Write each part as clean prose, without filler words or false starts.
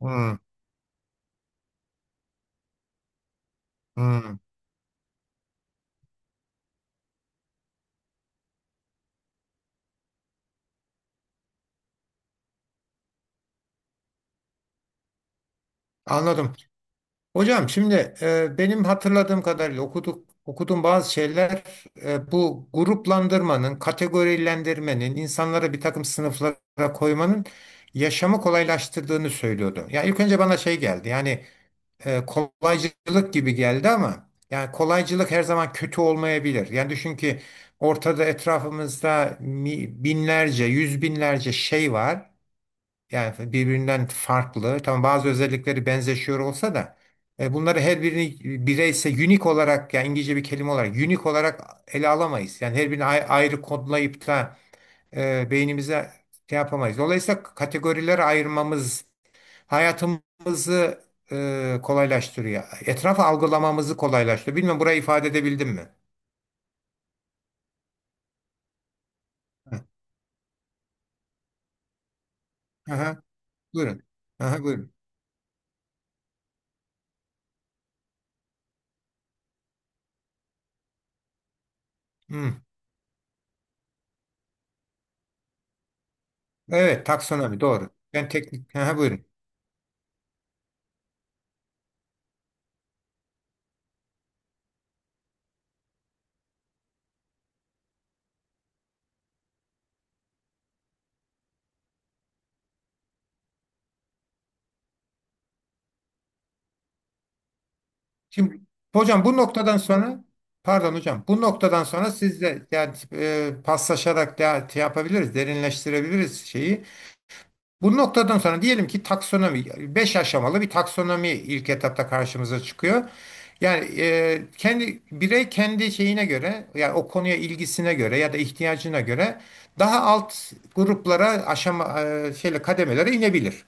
Hmm, hmm. Anladım. Hocam şimdi benim hatırladığım kadarıyla okuduğum bazı şeyler bu gruplandırmanın, kategorilendirmenin, insanlara bir takım sınıflara koymanın yaşamı kolaylaştırdığını söylüyordu. Yani ilk önce bana şey geldi. Yani kolaycılık gibi geldi ama yani kolaycılık her zaman kötü olmayabilir. Yani düşün ki ortada etrafımızda binlerce, yüz binlerce şey var. Yani birbirinden farklı. Tamam, bazı özellikleri benzeşiyor olsa da bunları her birini unique olarak, yani İngilizce bir kelime olarak, unique olarak ele alamayız. Yani her birini ayrı kodlayıp da beynimize şey yapamayız. Dolayısıyla kategorilere ayırmamız hayatımızı kolaylaştırıyor. Etrafı algılamamızı kolaylaştırıyor. Bilmem burayı ifade edebildim mi? Hı. Aha, buyurun. Aha, buyurun. Hı. Evet, taksonomi doğru. Ben teknik. Aha, buyurun. Şimdi hocam bu noktadan sonra pardon hocam, bu noktadan sonra sizle yani paslaşarak da şey yapabiliriz, derinleştirebiliriz şeyi. Bu noktadan sonra diyelim ki taksonomi, 5 aşamalı bir taksonomi ilk etapta karşımıza çıkıyor. Yani kendi kendi şeyine göre, yani o konuya ilgisine göre ya da ihtiyacına göre daha alt gruplara, aşama şeyle kademelere inebilir.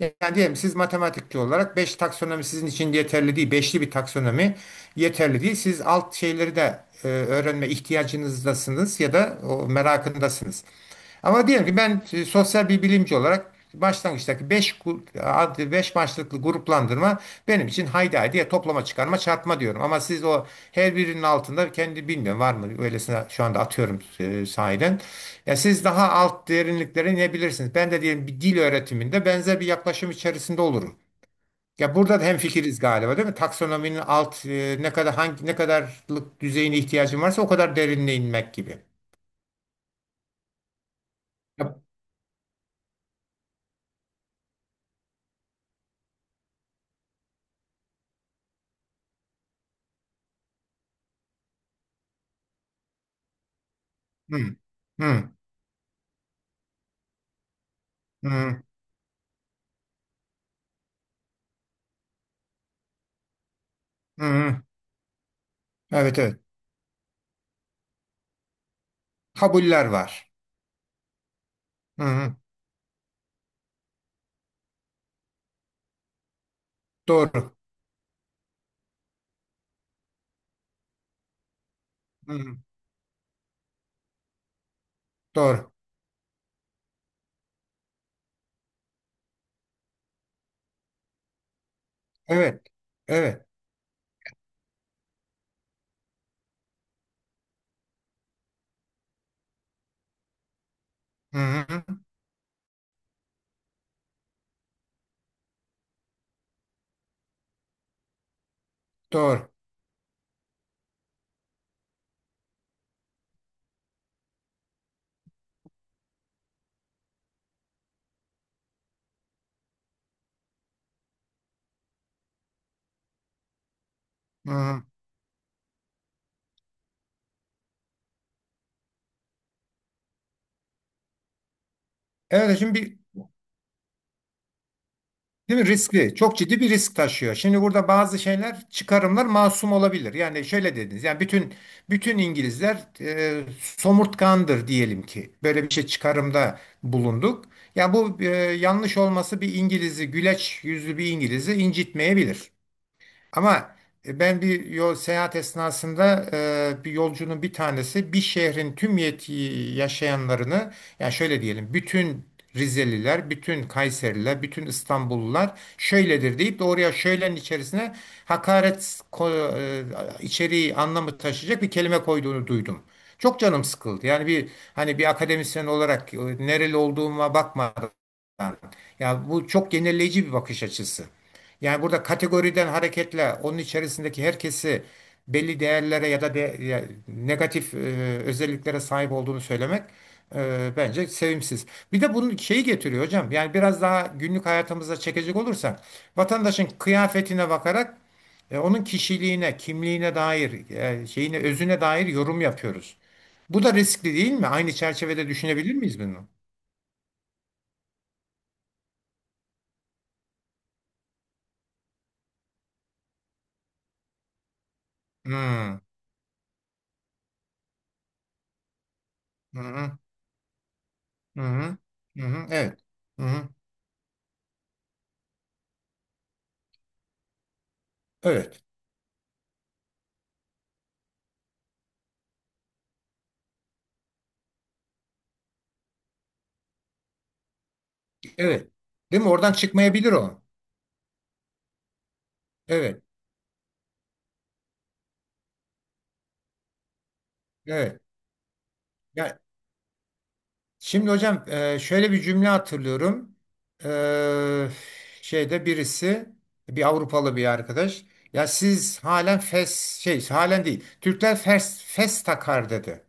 Yani diyelim siz matematikçi olarak 5 taksonomi sizin için yeterli değil. Beşli bir taksonomi yeterli değil. Siz alt şeyleri de öğrenme ihtiyacınızdasınız ya da o merakındasınız. Ama diyelim ki ben sosyal bir bilimci olarak başlangıçtaki 5 5 maçlıklı gruplandırma benim için haydi haydi, ya toplama, çıkarma, çarpma diyorum. Ama siz o her birinin altında, kendi bilmiyorum var mı öylesine, şu anda atıyorum sahiden. Ya siz daha alt derinlikleri ne bilirsiniz? Ben de diyelim bir dil öğretiminde benzer bir yaklaşım içerisinde olurum. Ya burada da hemfikiriz galiba, değil mi? Taksonominin alt ne kadar, hangi ne kadarlık düzeyine ihtiyacım varsa o kadar derinliğe inmek gibi. Ya- Hı, hı, hı, hı, hı. Evet, evet. Kabuller var. Hı, hı. Doğru. Hı. Doğru. Evet. Evet. Hı-hı. Doğru. Hı-hı. Evet, şimdi değil mi, riskli. Çok ciddi bir risk taşıyor. Şimdi burada bazı şeyler, çıkarımlar masum olabilir. Yani şöyle dediniz. Yani bütün İngilizler somurtkandır diyelim ki. Böyle bir şey, çıkarımda bulunduk. Yani bu yanlış olması bir İngiliz'i, güleç yüzlü bir İngiliz'i incitmeyebilir. Ama ben bir yol, seyahat esnasında bir yolcunun, bir tanesi bir şehrin tüm yaşayanlarını, yani şöyle diyelim bütün Rizeliler, bütün Kayseriler, bütün İstanbullular şöyledir deyip de oraya, şöylenin içerisine hakaret içeriği, anlamı taşıyacak bir kelime koyduğunu duydum. Çok canım sıkıldı. Yani bir, hani bir akademisyen olarak nereli olduğuma bakmadan. Tamam. Ya bu çok genelleyici bir bakış açısı. Yani burada kategoriden hareketle onun içerisindeki herkesi belli değerlere ya da de, ya negatif özelliklere sahip olduğunu söylemek bence sevimsiz. Bir de bunun şeyi getiriyor hocam. Yani biraz daha günlük hayatımıza çekecek olursak vatandaşın kıyafetine bakarak onun kişiliğine, kimliğine dair, şeyine, özüne dair yorum yapıyoruz. Bu da riskli değil mi? Aynı çerçevede düşünebilir miyiz bunu? Hmm. Hı hı. Hı hı. Hı hı. Evet. Hı hı. Evet. Evet. Değil mi? Oradan çıkmayabilir o. Evet. Evet. Ya, şimdi hocam şöyle bir cümle hatırlıyorum. E, Şeyde birisi, bir Avrupalı bir arkadaş. Ya siz halen fes, şey, halen değil. Türkler fes fes takar dedi.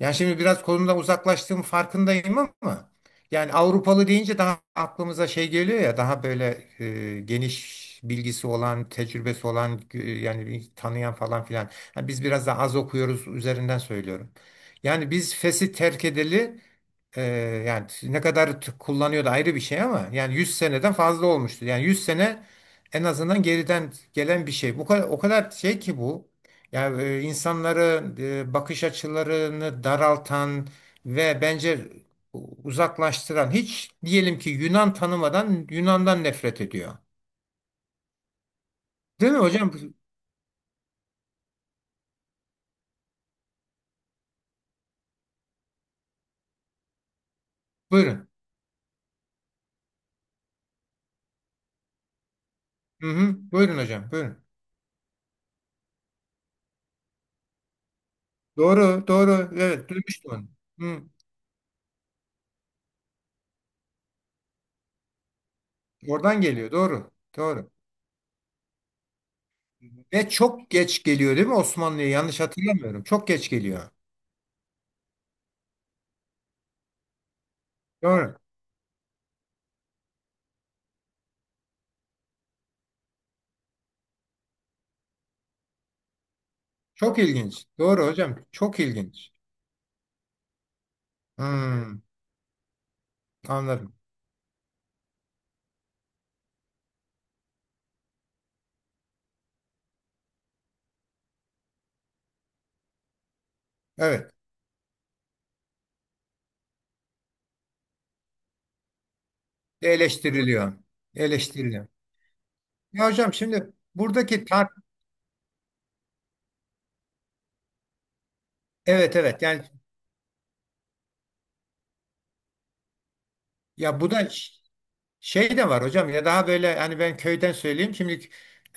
Yani şimdi biraz konumdan uzaklaştığım farkındayım ama yani Avrupalı deyince daha aklımıza şey geliyor ya, daha böyle geniş bilgisi olan, tecrübesi olan yani bir tanıyan falan filan. Ha, biz biraz daha az okuyoruz üzerinden söylüyorum. Yani biz fes'i terk edeli ee, yani ne kadar kullanıyordu ayrı bir şey ama yani 100 seneden fazla olmuştu. Yani 100 sene en azından geriden gelen bir şey. Bu kadar, o kadar şey ki bu. Yani insanları, bakış açılarını daraltan ve bence uzaklaştıran, hiç diyelim ki Yunan tanımadan Yunan'dan nefret ediyor. Değil mi hocam? Buyurun. Hı hı. Buyurun hocam. Buyurun. Doğru, doğru. Evet, duymuştum onu. Hı. Oradan geliyor. Doğru. Doğru. Ve çok geç geliyor değil mi Osmanlı'ya? Yanlış hatırlamıyorum. Çok geç geliyor. Doğru. Çok ilginç. Doğru hocam. Çok ilginç. Hmm, anladım. Evet. Eleştiriliyor. Eleştiriliyor. Ya hocam, şimdi buradaki evet, evet, yani, ya bu da şey de var hocam, ya daha böyle hani ben köyden söyleyeyim şimdi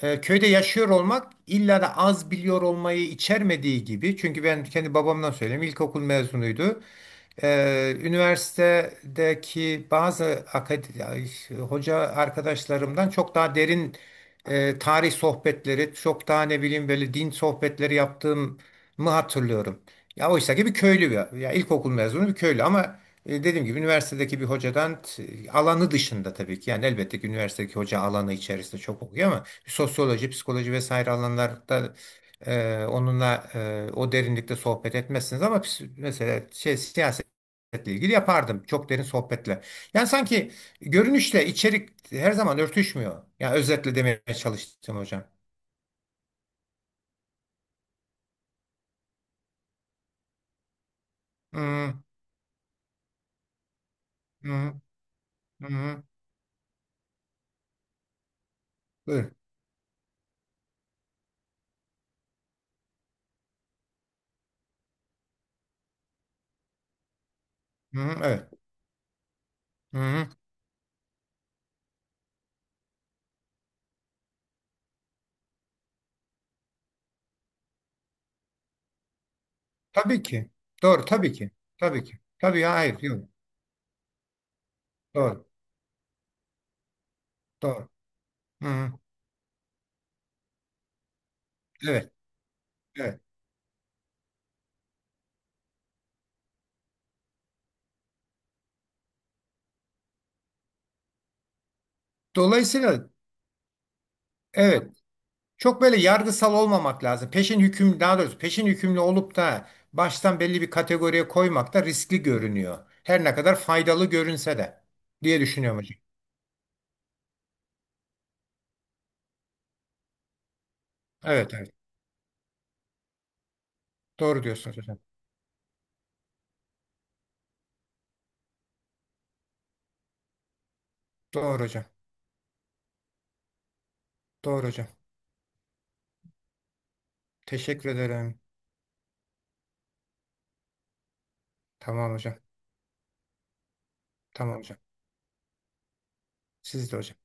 köyde yaşıyor olmak illa da az biliyor olmayı içermediği gibi, çünkü ben kendi babamdan söyleyeyim, ilkokul mezunuydu. Üniversitedeki bazı akad- hoca arkadaşlarımdan çok daha derin tarih sohbetleri, çok daha ne bileyim böyle din sohbetleri yaptığımı hatırlıyorum. Ya oysa ki bir köylü bir, ya ilkokul mezunu bir köylü ama dediğim gibi üniversitedeki bir hocadan alanı dışında tabii ki, yani elbette ki üniversitedeki hoca alanı içerisinde çok okuyor ama sosyoloji, psikoloji vesaire alanlarda onunla o derinlikte sohbet etmezsiniz, ama mesela şey, siyasetle ilgili yapardım çok derin sohbetle. Yani sanki görünüşle içerik her zaman örtüşmüyor. Yani özetle demeye çalıştım hocam. Hı hı hı. Hı. Buyurun. Hı hı, evet. Hı hı. Tabii ki. Doğru, tabii ki. Tabii ki. Tabii ya, hayır yok. Doğru. Doğru. Hı hı. Evet. Evet. Dolayısıyla evet, çok böyle yargısal olmamak lazım. Peşin hüküm, daha doğrusu peşin hükümlü olup da baştan belli bir kategoriye koymak da riskli görünüyor. Her ne kadar faydalı görünse de, diye düşünüyorum hocam. Evet, evet. Doğru diyorsunuz hocam. Doğru hocam. Doğru hocam. Teşekkür ederim. Tamam hocam. Tamam hocam. Siz de hocam.